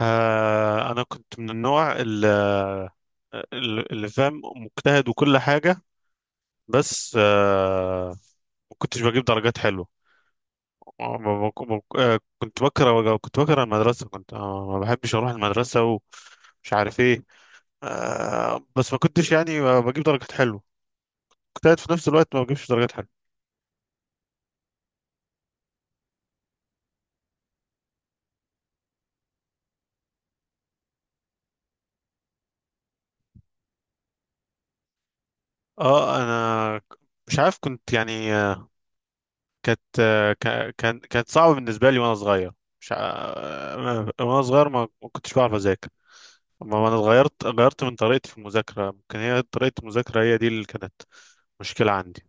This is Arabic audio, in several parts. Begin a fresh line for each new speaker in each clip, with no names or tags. أنا كنت من النوع اللي فاهم، مجتهد وكل حاجة. بس ما كنتش بجيب درجات حلوة. كنت بكره المدرسة، كنت ما بحبش أروح المدرسة ومش عارف إيه. بس ما كنتش يعني بجيب درجات حلوة. مجتهد في نفس الوقت ما بجيبش درجات حلوة. اه أنا مش عارف، كنت يعني كانت كا- كان كانت صعبة بالنسبة لي وأنا صغير. مش ع- وأنا صغير ما كنتش بعرف أذاكر. أما أنا غيرت من طريقتي في المذاكرة. ممكن هي طريقة المذاكرة هي دي اللي كانت مشكلة عندي.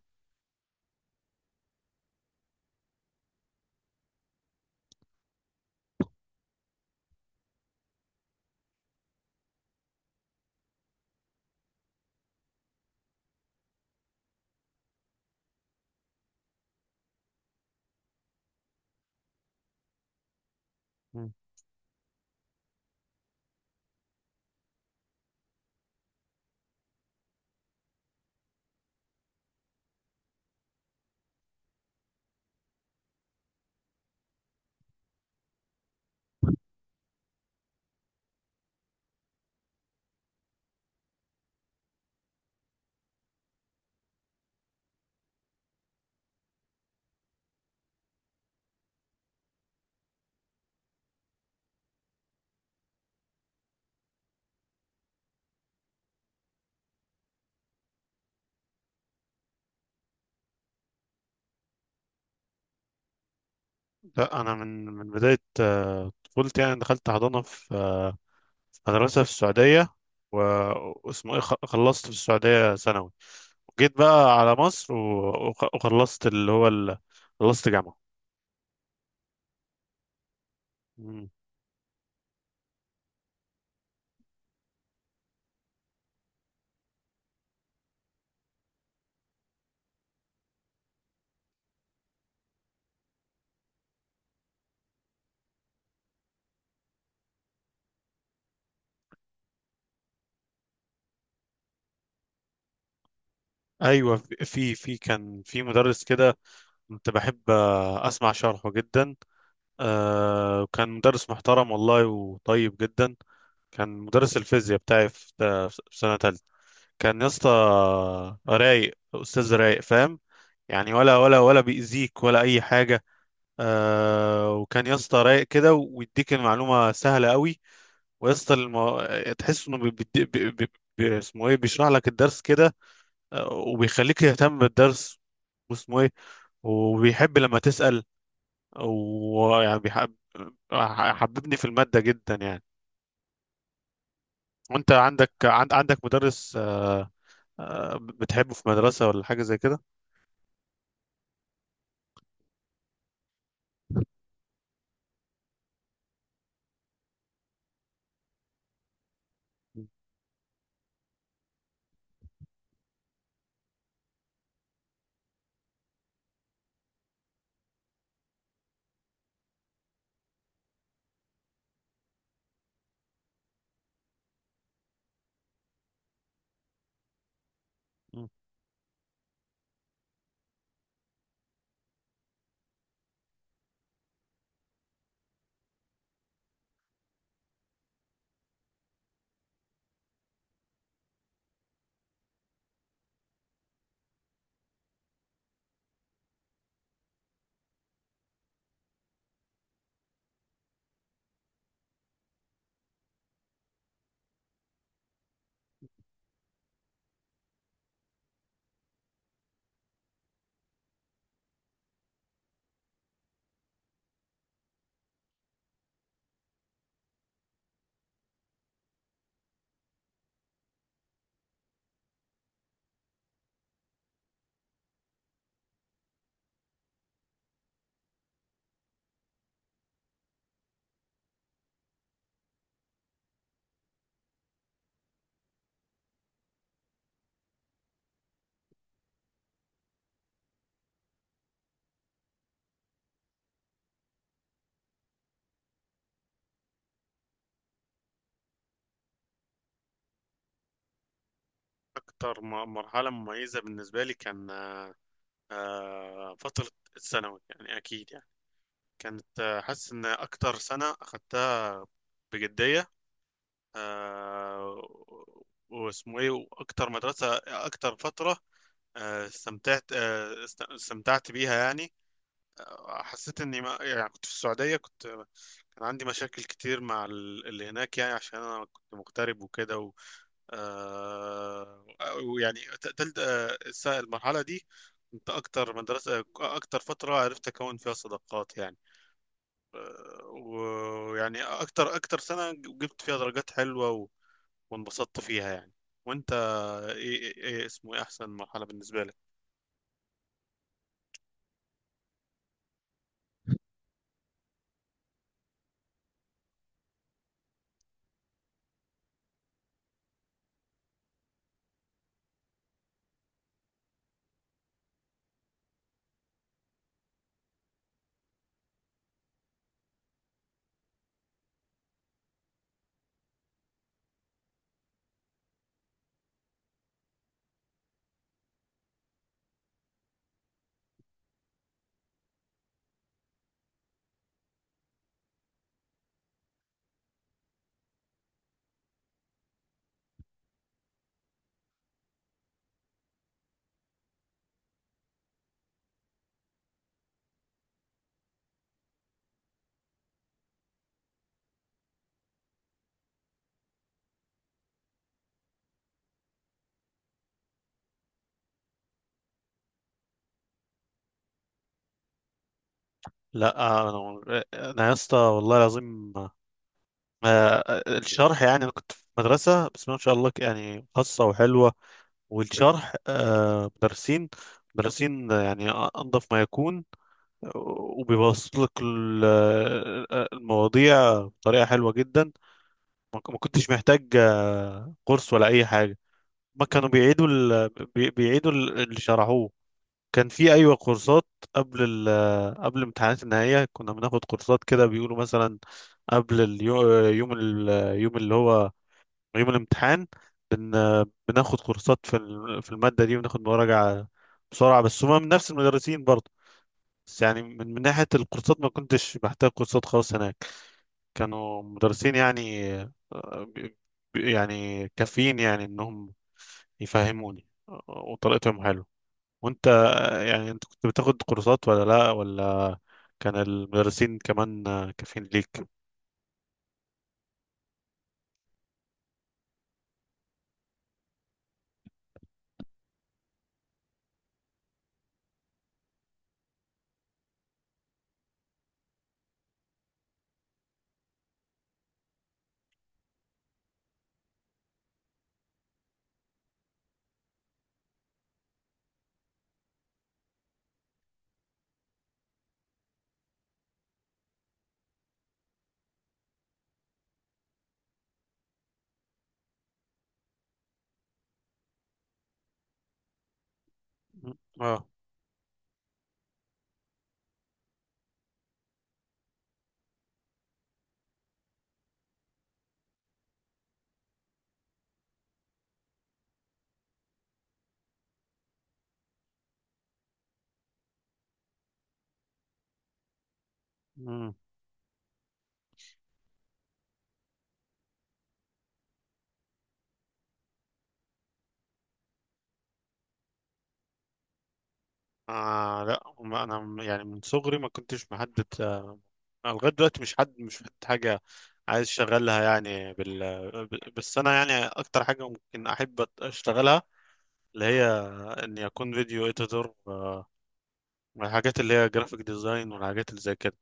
مم. لا، أنا من بداية طفولتي، يعني دخلت حضانة في مدرسة في السعودية. و- واسمه إيه، خلصت في السعودية ثانوي، وجيت بقى على مصر وخلصت اللي هو ال- خلصت جامعة. مم. أيوة، في في في كان في مدرس كده كنت بحب أسمع شرحه جدا. وكان مدرس محترم والله وطيب جدا. كان مدرس الفيزياء بتاعي في سنة تالتة. كان يا اسطى رايق، أستاذ رايق فاهم، يعني ولا بيأذيك ولا أي حاجة. وكان يا اسطى رايق كده، ويديك المعلومة سهلة قوي. ويا اسطى تحس إنه اسمه إيه، بيشرح لك الدرس كده. وبيخليك يهتم بالدرس، واسمه إيه، وبيحب لما تسأل، ويعني حببني في المادة جدا يعني. وانت عندك، عندك مدرس بتحبه في مدرسة ولا حاجة زي كده؟ مم. أكتر مرحلة مميزة بالنسبة لي كان فترة الثانوي، يعني أكيد. يعني كانت حاسس إن أكتر سنة أخدتها بجدية، آه، واسمه إيه، وأكتر مدرسة، أكتر فترة استمتعت بيها يعني. حسيت اني، ما يعني كنت في السعودية، كان عندي مشاكل كتير مع اللي هناك، يعني عشان انا كنت مغترب وكده آه... ويعني تلت المرحلة دي كنت اكتر مدرسة، اكتر فترة عرفت اكون فيها صداقات يعني. ويعني اكتر سنة جبت فيها درجات حلوة، وانبسطت فيها يعني. وانت، ايه, إيه إيه اسمه ايه احسن مرحلة بالنسبة لك؟ لا، انا انا يا اسطى والله العظيم، الشرح يعني، انا كنت في مدرسه بسم الله ما شاء الله يعني، خاصه وحلوه، والشرح مدرسين يعني انظف ما يكون، وبيبسط لك المواضيع بطريقه حلوه جدا. ما كنتش محتاج كورس ولا اي حاجه. ما كانوا بيعيدوا اللي شرحوه. كان في، ايوه، كورسات قبل ال... آه، قبل امتحانات النهائيه. كنا بناخد كورسات كده، بيقولوا مثلا قبل اليوم، يوم ال... آه، يوم اللي هو يوم الامتحان بن... بناخد كورسات في المادة دي، وناخد مراجعة بسرعة، بس هما من نفس المدرسين برضه. بس يعني من ناحية الكورسات، ما كنتش بحتاج كورسات خالص هناك. كانوا مدرسين يعني آه، ب- يعني كافيين، يعني انهم يفهموني، وطريقتهم حلوة. وانت يعني انت كنت بتاخد كورسات ولا لا ولا كان المدرسين كمان كافيين ليك؟ م- اه لا، ما انا م- يعني من صغري ما كنتش محدد أنا لغايه دلوقتي مش حد، حاجه عايز اشتغلها يعني بس انا يعني اكتر حاجه ممكن احب اشتغلها، اللي هي اني اكون فيديو اديتور، الحاجات اللي هي جرافيك ديزاين والحاجات اللي زي كده.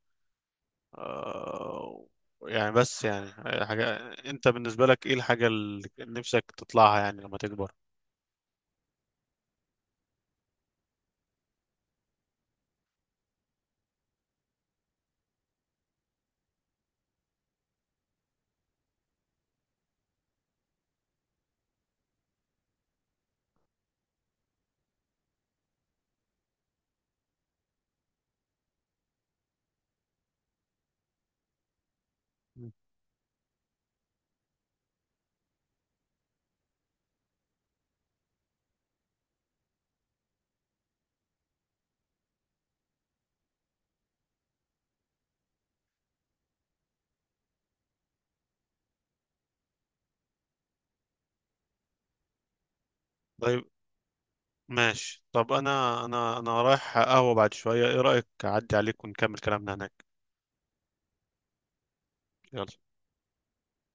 آه يعني، بس يعني حاجه. انت بالنسبه لك ايه الحاجه اللي نفسك تطلعها يعني لما تكبر؟ طيب، ماشي. طب انا رايح قهوه بعد شويه، ايه رايك اعدي عليك ونكمل كلامنا هناك؟ يلا.